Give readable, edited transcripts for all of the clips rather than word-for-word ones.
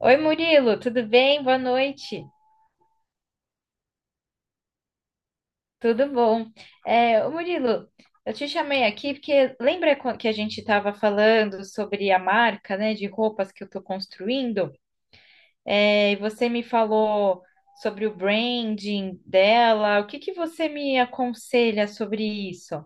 Oi, Murilo, tudo bem? Boa noite. Tudo bom? Ô, Murilo, eu te chamei aqui porque que a gente estava falando sobre a marca, né, de roupas que eu estou construindo? É, e você me falou sobre o branding dela. O que que você me aconselha sobre isso?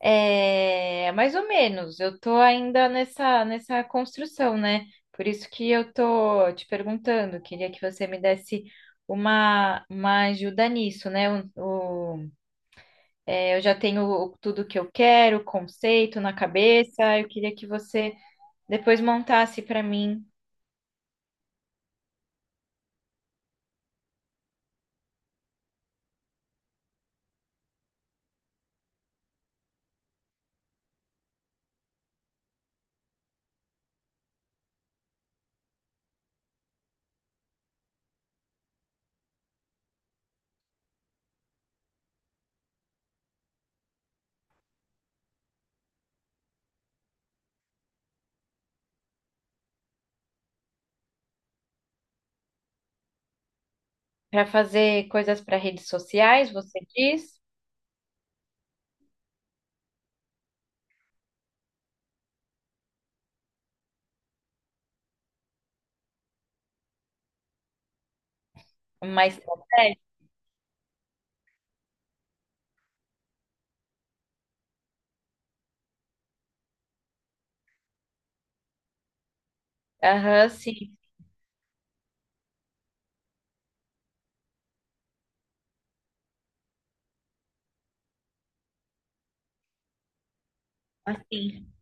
É, mais ou menos. Eu tô ainda nessa construção, né? Por isso que eu tô te perguntando. Queria que você me desse uma ajuda nisso, né? O- eu já tenho tudo que eu quero, o conceito na cabeça. Eu queria que você depois montasse para mim para fazer coisas para redes sociais, você diz? Mas aham, sim, assim.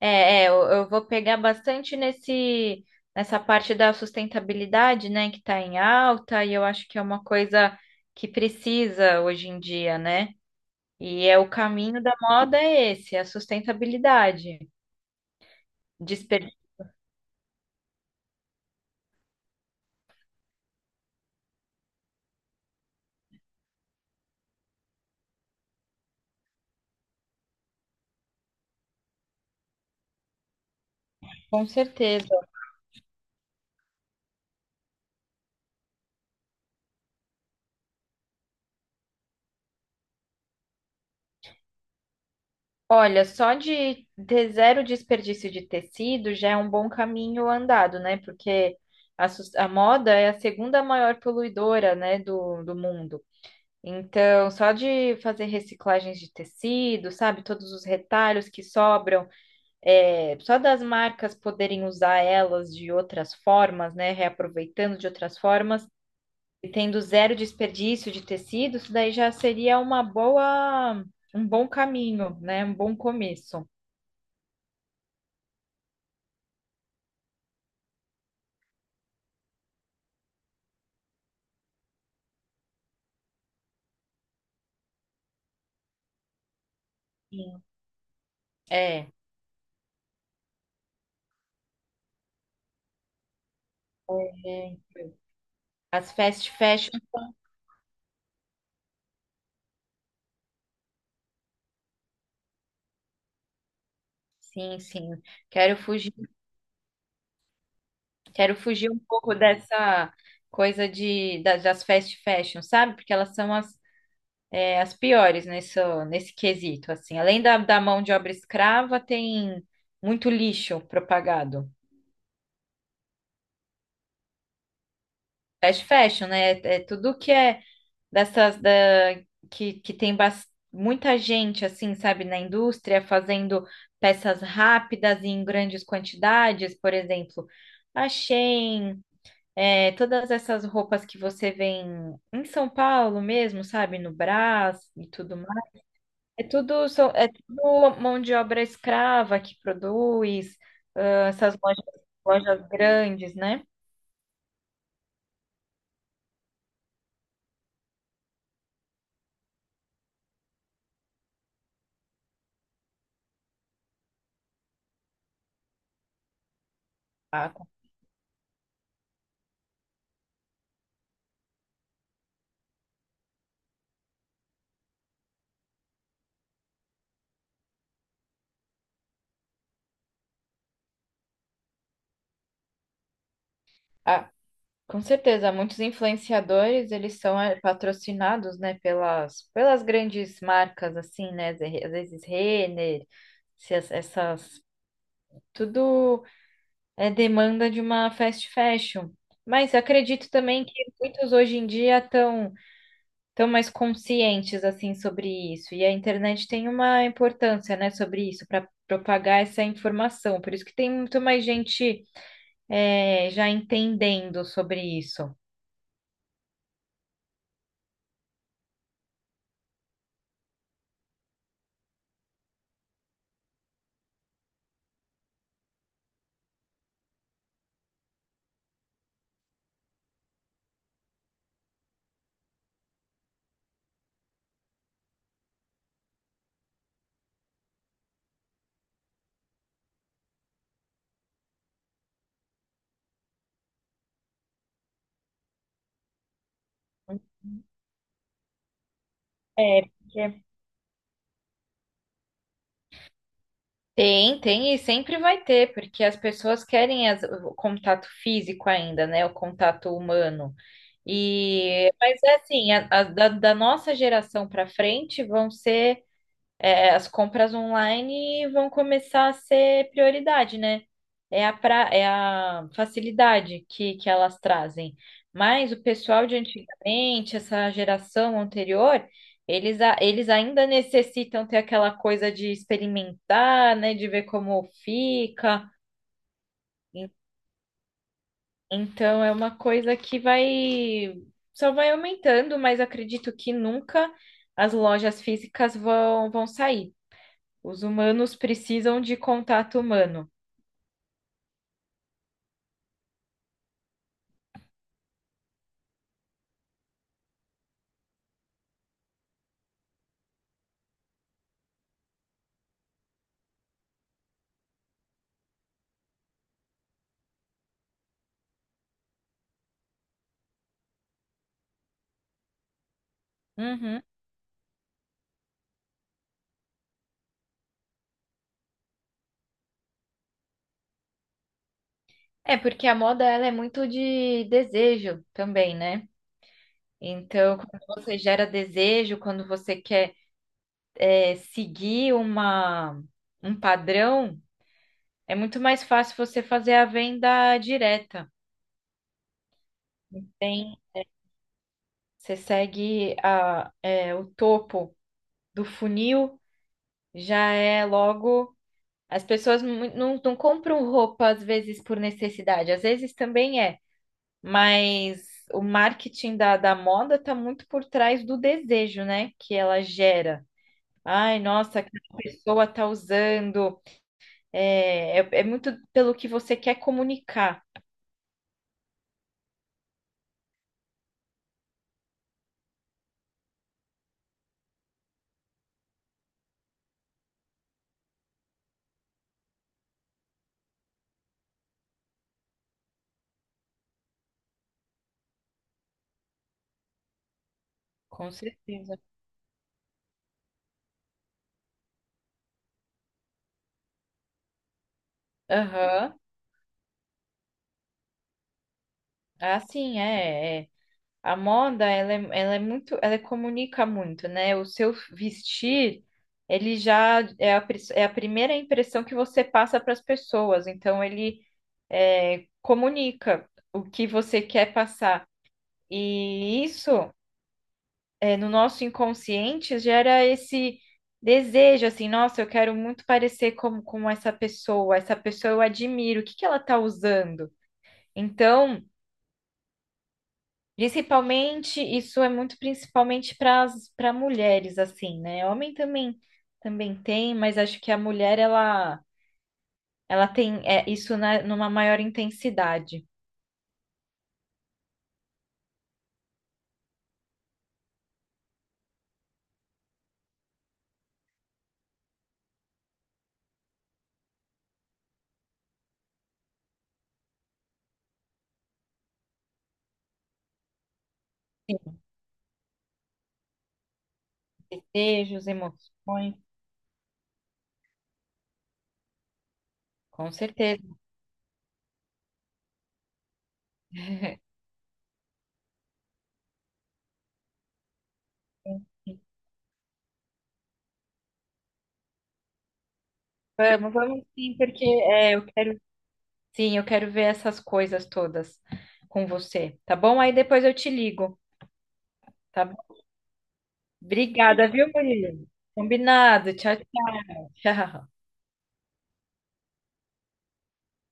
Eu vou pegar bastante nessa parte da sustentabilidade, né, que está em alta, e eu acho que é uma coisa que precisa hoje em dia, né? E é o caminho da moda é esse, é a sustentabilidade. Desper... Com certeza. Olha, só de ter zero desperdício de tecido já é um bom caminho andado, né? Porque a moda é a segunda maior poluidora, né, do mundo. Então, só de fazer reciclagens de tecido, sabe? Todos os retalhos que sobram, é, só das marcas poderem usar elas de outras formas, né? Reaproveitando de outras formas e tendo zero desperdício de tecido, isso daí já seria uma boa, um bom caminho, né? Um bom começo. Sim. É. É. As fast fashion, sim, sim. Quero fugir Quero fugir um pouco dessa coisa das fast fashion, sabe? Porque elas são as piores nesse quesito, assim. Além da mão de obra escrava, tem muito lixo propagado. Fast fashion, né? É tudo que é dessas da, que tem muita gente, assim, sabe, na indústria fazendo peças rápidas e em grandes quantidades, por exemplo, a Shein. É, todas essas roupas que você vê em São Paulo mesmo, sabe? No Brás e tudo mais. É tudo, é tudo mão de obra escrava que produz, ah, essas lojas, lojas grandes, né? Ah, com ah, com certeza, muitos influenciadores, eles são patrocinados, né, pelas grandes marcas, assim, né? Às vezes Renner, se as- essas... Tudo é demanda de uma fast fashion. Mas acredito também que muitos hoje em dia estão tão mais conscientes assim sobre isso. E a internet tem uma importância, né, sobre isso, para propagar essa informação. Por isso que tem muito mais gente é, já entendendo sobre isso. É, porque Tem, tem e sempre vai ter, porque as pessoas querem o contato físico ainda, né? O contato humano. E, mas é assim, da nossa geração para frente vão ser é, as compras online vão começar a ser prioridade, né? É é a facilidade que elas trazem. Mas o pessoal de antigamente, essa geração anterior, eles ainda necessitam ter aquela coisa de experimentar, né? De ver como fica. En- Então é uma coisa que vai só vai aumentando, mas acredito que nunca as lojas físicas vão sair. Os humanos precisam de contato humano. Uhum. É porque a moda ela é muito de desejo também, né? Então, quando você gera desejo, quando você quer seguir um padrão, é muito mais fácil você fazer a venda direta. Tem, você segue o topo do funil, já é logo. Não, não compram roupa às vezes por necessidade, às vezes também é. Mas o marketing da moda está muito por trás do desejo, né? Que ela gera. Ai, nossa, que pessoa está usando. É muito pelo que você quer comunicar. Com certeza. Aham. É. A moda, ela é muito, ela comunica muito, né? O seu vestir, ele já é é a primeira impressão que você passa para as pessoas. Então, ele é, comunica o que você quer passar. E isso, é, no nosso inconsciente, gera esse desejo, assim, nossa, eu quero muito parecer como, com essa pessoa eu admiro, o que que ela está usando? Então, principalmente, isso é muito principalmente para mulheres, assim, né? Homem também também tem, mas acho que a mulher, ela tem é, isso numa maior intensidade. Sim, desejos, emoções, com certeza. Vamos, vamos sim, porque é, eu quero, sim, eu quero ver essas coisas todas com você, tá bom? Aí depois eu te ligo, tá? bom? Obrigada, viu, Murilo? Combinado. Tchau, tchau.